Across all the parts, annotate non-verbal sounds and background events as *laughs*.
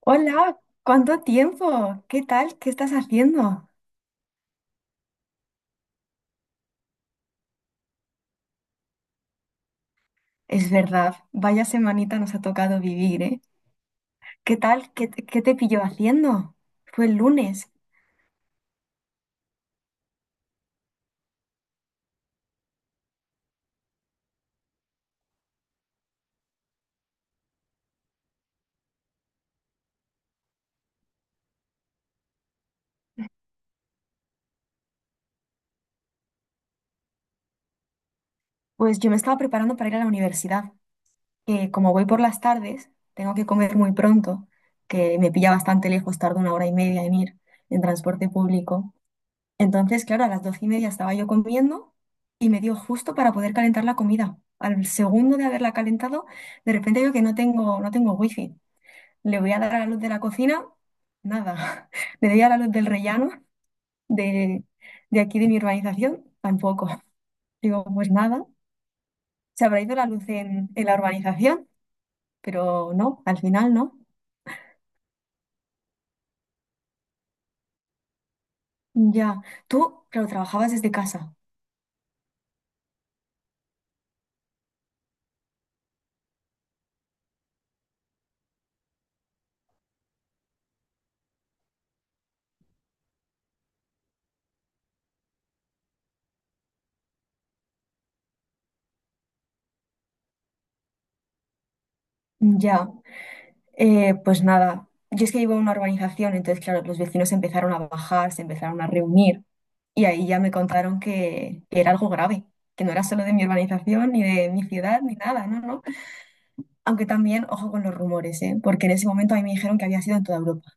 Hola, ¿cuánto tiempo? ¿Qué tal? ¿Qué estás haciendo? Es verdad, vaya semanita nos ha tocado vivir, ¿eh? ¿Qué tal? ¿Qué te pilló haciendo? Fue el lunes. Pues yo me estaba preparando para ir a la universidad, que como voy por las tardes, tengo que comer muy pronto, que me pilla bastante lejos, tardo 1 hora y media en ir en transporte público. Entonces, claro, a las 12:30 estaba yo comiendo y me dio justo para poder calentar la comida. Al segundo de haberla calentado, de repente veo que no tengo wifi. Le voy a dar a la luz de la cocina, nada. *laughs* Le doy a la luz del rellano de, de aquí de mi urbanización, tampoco. *laughs* Digo, pues nada, se habrá ido la luz en la urbanización, pero no, al final no. Ya, tú, claro, trabajabas desde casa. Ya. Pues nada. Yo es que vivo en una urbanización, entonces, claro, los vecinos empezaron a bajar, se empezaron a reunir y ahí ya me contaron que era algo grave, que no era solo de mi urbanización, ni de mi ciudad, ni nada, no, no. Aunque también, ojo con los rumores, ¿eh? Porque en ese momento a mí me dijeron que había sido en toda Europa.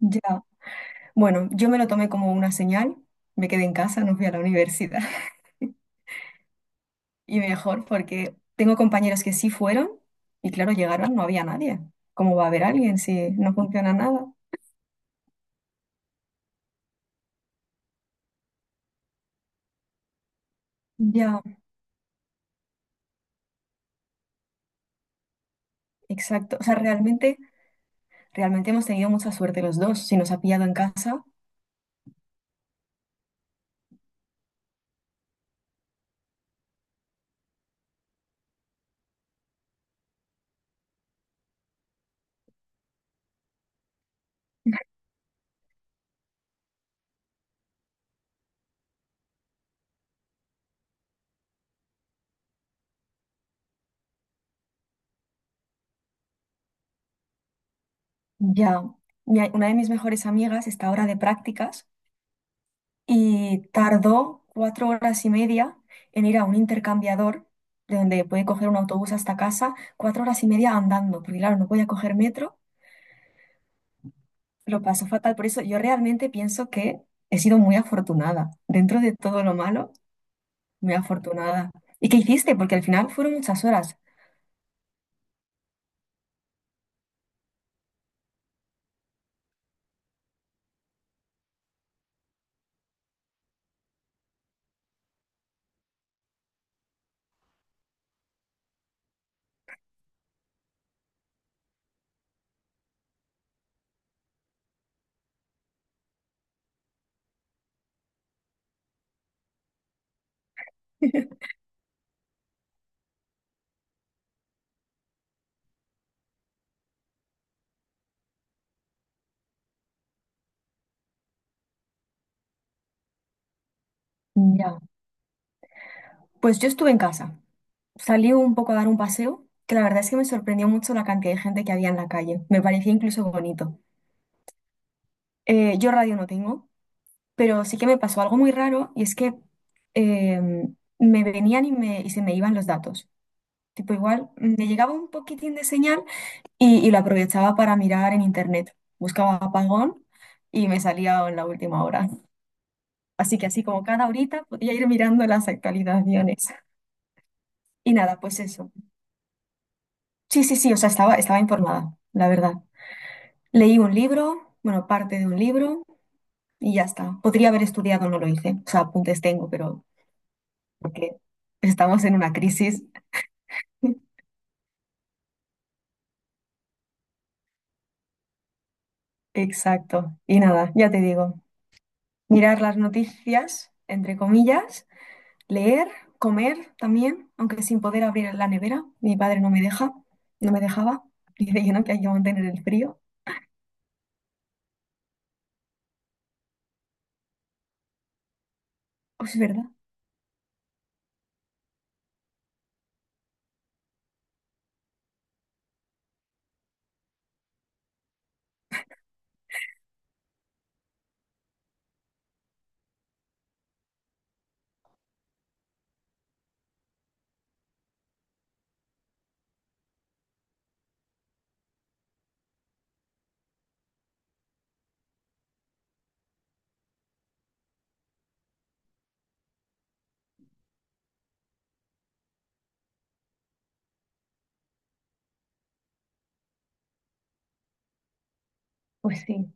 Ya. Bueno, yo me lo tomé como una señal, me quedé en casa, no fui a la universidad. *laughs* Y mejor porque tengo compañeros que sí fueron y claro, llegaron, no había nadie. ¿Cómo va a haber alguien si no funciona nada? Ya, exacto. O sea, realmente, realmente hemos tenido mucha suerte los dos. Si nos ha pillado en casa, ya. Mi- Una de mis mejores amigas está ahora de prácticas y tardó 4 horas y media en ir a un intercambiador, de donde puede coger un autobús hasta casa, 4 horas y media andando, porque claro, no podía coger metro, lo pasó fatal. Por eso yo realmente pienso que he sido muy afortunada. Dentro de todo lo malo, muy afortunada. ¿Y qué hiciste? Porque al final fueron muchas horas. *laughs* Ya, pues yo estuve en casa. Salí un poco a dar un paseo, que la verdad es que me sorprendió mucho la cantidad de gente que había en la calle. Me parecía incluso bonito. Yo radio no tengo, pero sí que me pasó algo muy raro y es que eh, me venían y se me iban los datos. Tipo, igual me llegaba un poquitín de señal y lo aprovechaba para mirar en internet. Buscaba apagón y me salía en la última hora. Así que así como cada horita podía ir mirando las actualizaciones. Y nada, pues eso. Sí, sí, sí, o sea, estaba informada, la verdad. Leí un libro, bueno, parte de un libro y ya está. Podría haber estudiado, no lo hice. O sea, apuntes tengo, pero porque estamos en una crisis. Exacto. Y nada, ya te digo, mirar las noticias, entre comillas, leer, comer también, aunque sin poder abrir la nevera. Mi padre no me deja, no me dejaba. *laughs* Dice que no, que hay que mantener el frío. Pues es verdad. Pues sí,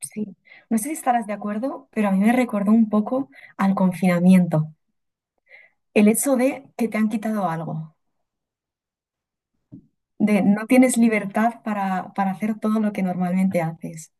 sí. No sé si estarás de acuerdo, pero a mí me recordó un poco al confinamiento. El hecho de que te han quitado algo, de no tienes libertad para hacer todo lo que normalmente haces.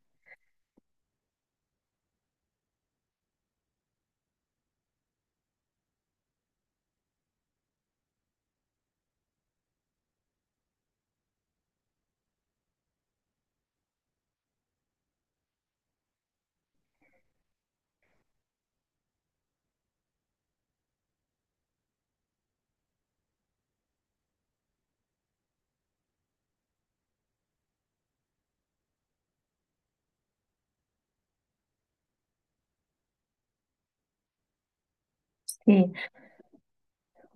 Sí.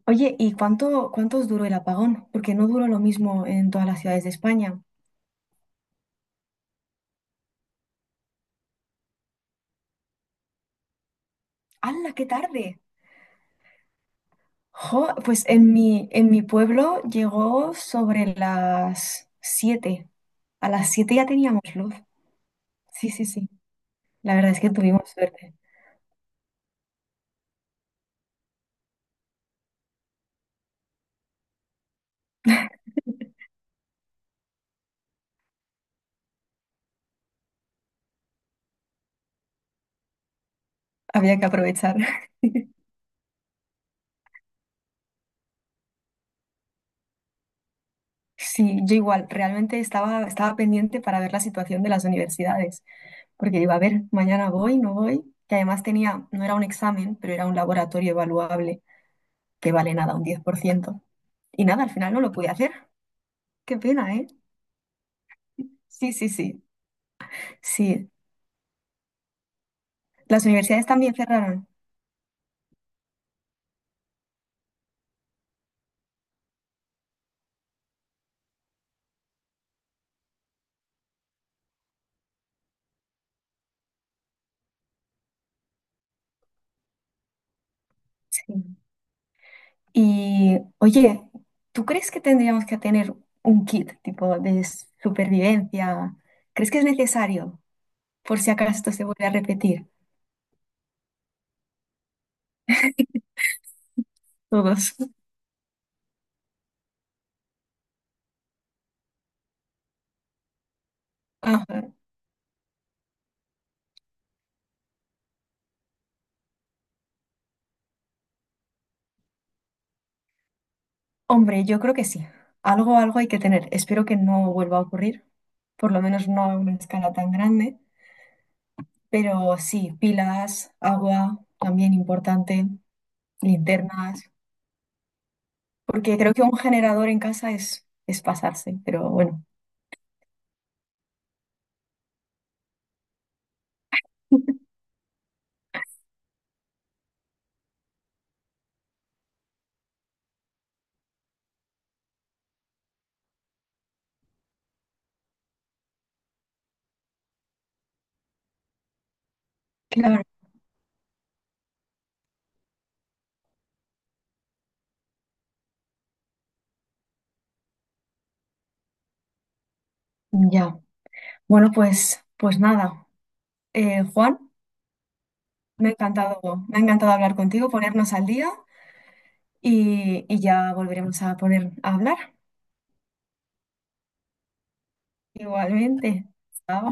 Oye, ¿y cuánto, cuánto os duró el apagón? Porque no duró lo mismo en todas las ciudades de España. ¡Hala, qué tarde! Jo, pues en en mi pueblo llegó sobre las 7. A las 7 ya teníamos luz. Sí, sí, sí. La verdad es que tuvimos suerte. Había que aprovechar. *laughs* Sí, yo igual, realmente estaba pendiente para ver la situación de las universidades, porque digo, a ver, mañana voy, no voy, que además tenía, no era un examen, pero era un laboratorio evaluable, que vale nada, un 10%. Y nada, al final no lo pude hacer. Qué pena, ¿eh? Sí, sí, sí. Sí. Las universidades también cerraron. Sí. Y, oye, ¿tú crees que tendríamos que tener un kit tipo de supervivencia? ¿Crees que es necesario por si acaso esto se vuelve a repetir? Todos. *laughs* Ajá. Hombre, yo creo que sí. Algo, algo hay que tener. Espero que no vuelva a ocurrir, por lo menos no a una escala tan grande, pero sí, pilas, agua, también importante, linternas, porque creo que un generador en casa es pasarse, pero bueno, *laughs* claro, ya. Bueno, pues nada. Juan, me ha encantado hablar contigo, ponernos al día y ya volveremos a poner a hablar. Igualmente. Chao.